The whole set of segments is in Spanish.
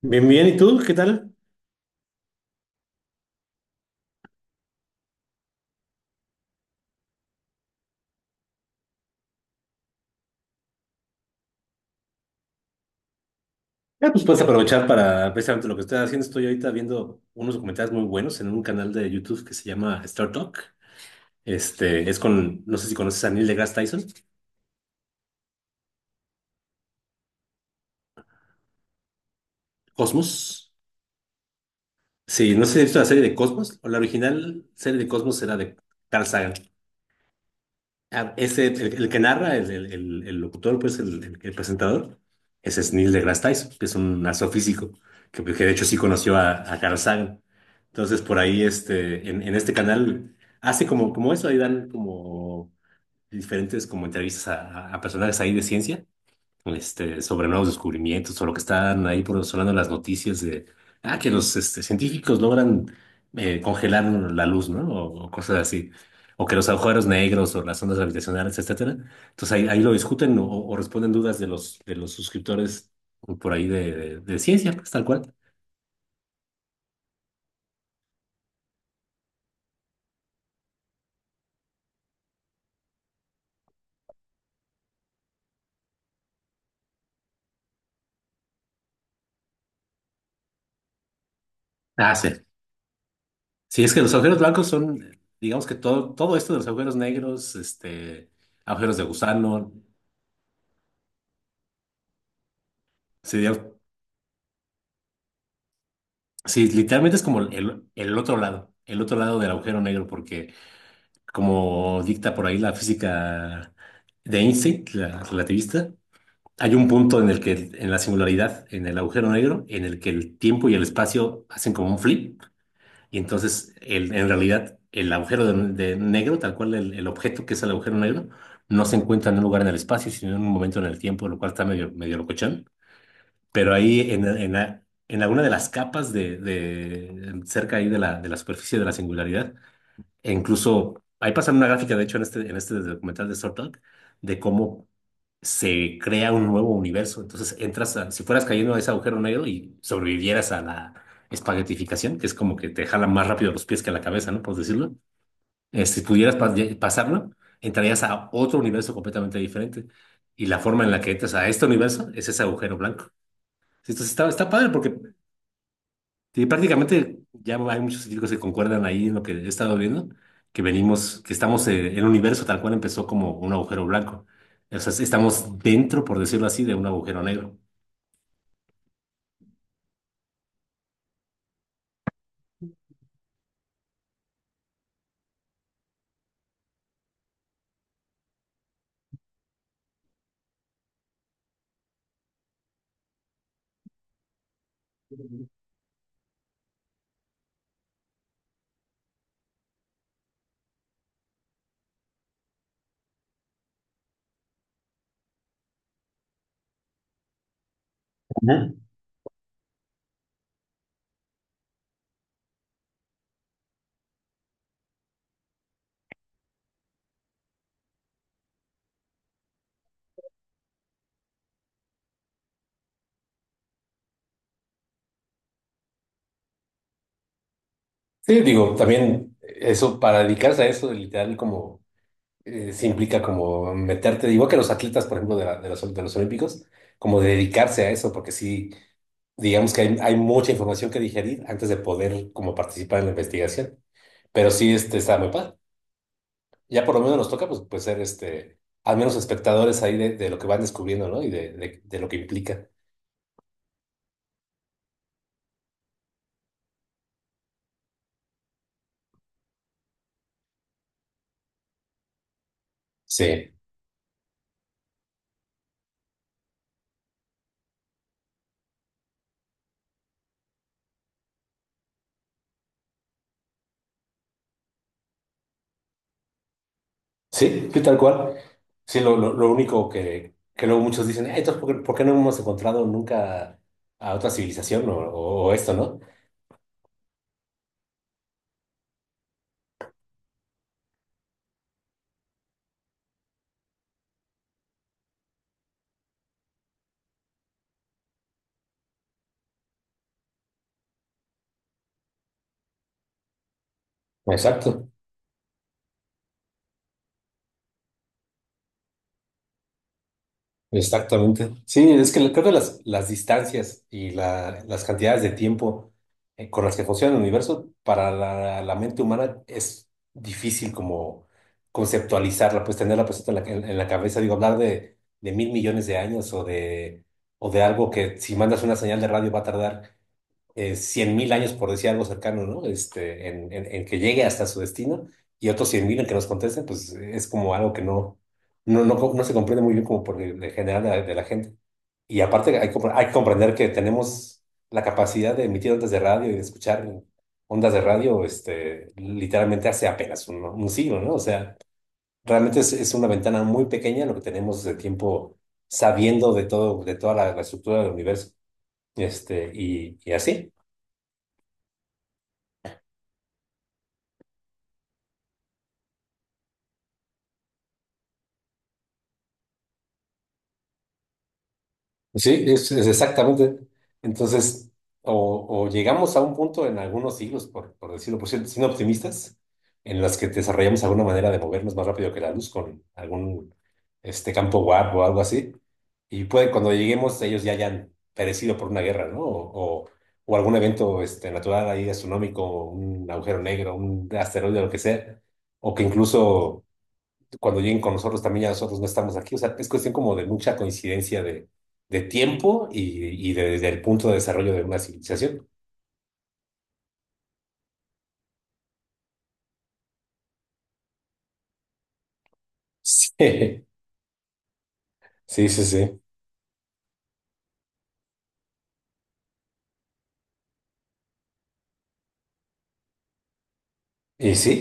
Bien, bien. ¿Y tú? ¿Qué tal? Ah, pues puedes aprovechar para precisamente lo que estoy haciendo. Estoy ahorita viendo unos documentales muy buenos en un canal de YouTube que se llama Star Talk. Este es con, no sé si conoces a Neil deGrasse Tyson, Cosmos. Sí, no sé si has visto la serie de Cosmos o la original serie de Cosmos era de Carl Sagan. Ah, ese, el que narra, el locutor, pues el presentador, ese es Neil deGrasse Tyson, que es un astrofísico, que de hecho sí conoció a, Carl Sagan. Entonces, por ahí, en este canal, hace como eso, ahí dan como diferentes como entrevistas a, a personajes ahí de ciencia, sobre nuevos descubrimientos o lo que están ahí por sonando en las noticias de que los científicos logran congelar la luz, ¿no? O cosas así. O que los agujeros negros o las ondas gravitacionales, etcétera. Entonces ahí lo discuten o responden dudas de los suscriptores por ahí de ciencia, pues, tal cual. Ah, sí. Sí, es que los agujeros blancos son, digamos que todo esto de los agujeros negros, agujeros de gusano, sí, digamos. Sí, literalmente es como el otro lado del agujero negro, porque como dicta por ahí la física de Einstein, la relativista, hay un punto en el que, en la singularidad, en el agujero negro, en el que el tiempo y el espacio hacen como un flip, y entonces en realidad el agujero de negro, tal cual el objeto que es el agujero negro, no se encuentra en un lugar en el espacio, sino en un momento en el tiempo, lo cual está medio, medio locochón. Pero ahí en alguna de las capas de, cerca ahí de la superficie de la singularidad, e incluso ahí pasan una gráfica, de hecho, en este documental de Star Talk, de cómo se crea un nuevo universo. Entonces entras a, si fueras cayendo a ese agujero negro y sobrevivieras a la espaguetificación, que es como que te jalan más rápido los pies que la cabeza, ¿no? Por decirlo. Si pudieras pasarlo, entrarías a otro universo completamente diferente. Y la forma en la que entras a este universo es ese agujero blanco. Entonces está padre porque sí, prácticamente ya hay muchos científicos que concuerdan ahí en lo que he estado viendo, que venimos, que estamos, el universo tal cual empezó como un agujero blanco. O sea, estamos dentro, por decirlo así, de un agujero negro. Ujú. Sí, digo, también eso, para dedicarse a eso, literal, como se implica como meterte, igual que los atletas, por ejemplo, de los olímpicos, como dedicarse a eso, porque sí, digamos que hay mucha información que digerir antes de poder como participar en la investigación. Pero sí, está muy padre. Ya por lo menos nos toca pues ser al menos espectadores ahí de lo que van descubriendo, ¿no? Y de lo que implica. Sí, sí, sí, tal cual. Sí, lo único que luego muchos dicen, "Entonces, ¿por qué, no hemos encontrado nunca a otra civilización o esto, ¿no? Exacto. Exactamente. Sí, es que creo que las distancias y las cantidades de tiempo con las que funciona el universo para la mente humana es difícil como conceptualizarla, pues tenerla presente en la cabeza. Digo, hablar de 1.000 millones de años o de algo que si mandas una señal de radio va a tardar 100.000 años, por decir algo cercano, ¿no? En que llegue hasta su destino y otros 100.000 en que nos contesten, pues es como algo que no se comprende muy bien como por el general de la gente. Y aparte hay que comprender que tenemos la capacidad de emitir ondas de radio y de escuchar ondas de radio, literalmente hace apenas un siglo, ¿no? O sea, realmente es una ventana muy pequeña lo que tenemos de tiempo sabiendo de todo, de toda la estructura del universo. Y así. Sí, es exactamente. Entonces, o llegamos a un punto en algunos siglos, por decirlo, por cierto, siendo optimistas, en las que desarrollamos alguna manera de movernos más rápido que la luz con algún campo warp o algo así. Y puede, cuando lleguemos, ellos ya hayan perecido por una guerra, ¿no? O algún evento natural ahí astronómico, un agujero negro, un asteroide, lo que sea. O que incluso cuando lleguen con nosotros también ya nosotros no estamos aquí. O sea, es cuestión como de mucha coincidencia de tiempo y del punto de desarrollo de una civilización. Sí, sí, sí, sí. Y sí,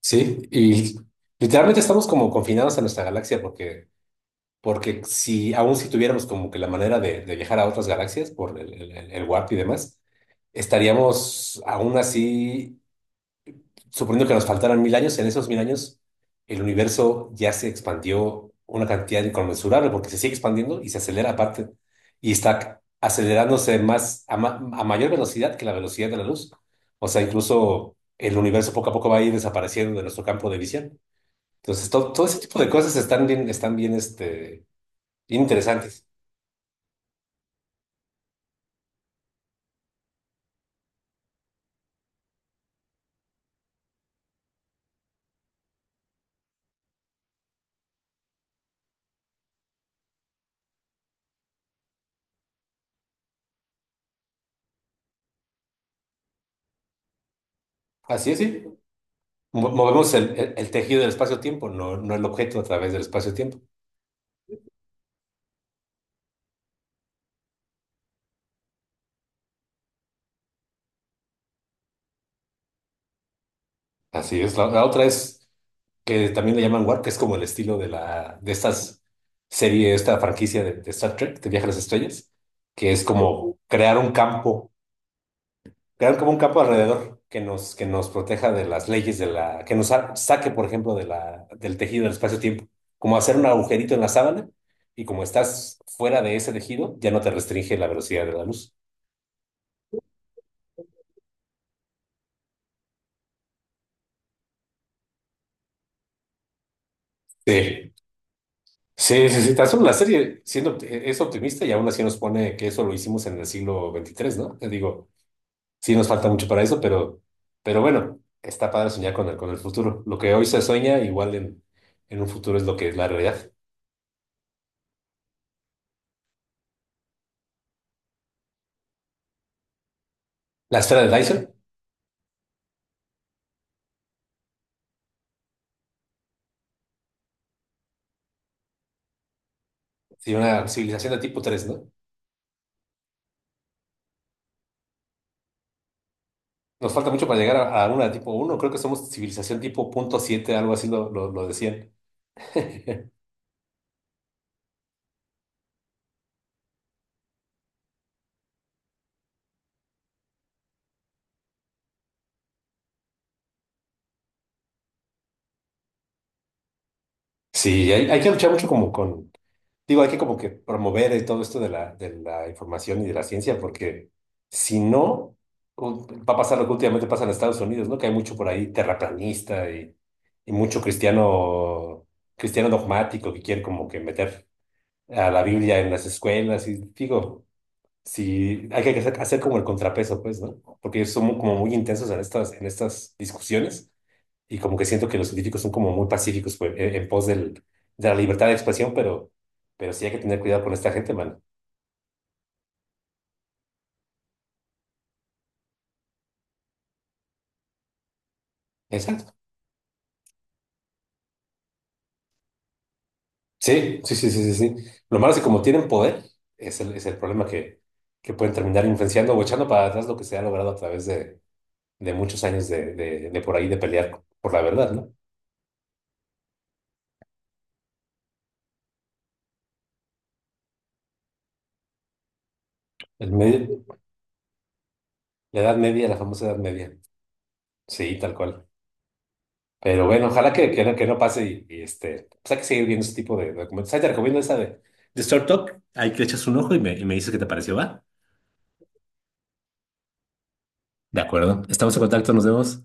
sí. Y literalmente estamos como confinados a nuestra galaxia porque si aún si tuviéramos como que la manera de viajar a otras galaxias por el warp y demás, estaríamos aún así suponiendo que nos faltaran 1.000 años, en esos 1.000 años el universo ya se expandió una cantidad inconmensurable porque se sigue expandiendo y se acelera aparte y está acelerándose más a mayor velocidad que la velocidad de la luz. O sea, incluso el universo poco a poco va a ir desapareciendo de nuestro campo de visión. Entonces, todo ese tipo de cosas están bien, bien interesantes. Así es, sí. Movemos el tejido del espacio-tiempo, no, el objeto a través del espacio-tiempo. Así es. La otra es que también le llaman Warp, que es como el estilo de la, de estas serie, esta franquicia de Star Trek, de Viaje a las Estrellas, que es como crear un campo, crear como un campo alrededor que nos proteja de las leyes que nos saque, por ejemplo, del tejido del espacio-tiempo. Como hacer un agujerito en la sábana, y como estás fuera de ese tejido, ya no te restringe la velocidad de la luz. Sí. Sí, sí, sí, tan solo la serie siendo, es optimista y aún así nos pone que eso lo hicimos en el siglo 23, ¿no? Te digo, sí nos falta mucho para eso, pero bueno, está padre soñar con el futuro. Lo que hoy se sueña, igual en un futuro es lo que es la realidad. La esfera de Dyson, sí, una civilización de tipo tres, ¿no? Nos falta mucho para llegar a una de tipo uno. Creo que somos civilización tipo punto siete, algo así, lo decían. Sí, hay que luchar mucho como con. Digo, hay que como que promover todo esto de la información y de la ciencia, porque si no, va a pasar lo que últimamente pasa en Estados Unidos, ¿no? Que hay mucho por ahí terraplanista y, mucho cristiano, cristiano dogmático que quiere como que meter a la Biblia en las escuelas. Y digo, si hay que hacer como el contrapeso, pues, ¿no? Porque ellos son como muy intensos en estas discusiones y como que siento que los científicos son como muy pacíficos pues, en pos de la libertad de expresión, pero sí hay que tener cuidado con esta gente, mano. Exacto. Sí, sí, sí, sí, sí, sí. Lo malo es que como tienen poder, es el problema que pueden terminar influenciando o echando para atrás lo que se ha logrado a través de muchos años de por ahí de pelear por la verdad, ¿no? El medio- la Edad Media, la famosa Edad Media. Sí, tal cual. Pero bueno, ojalá que no pase pues hay que seguir viendo ese tipo de documentos. Ahí te recomiendo esa de Short Talk. Ahí le echas un ojo y me dices qué te pareció, ¿va? De acuerdo. Estamos en contacto, nos vemos.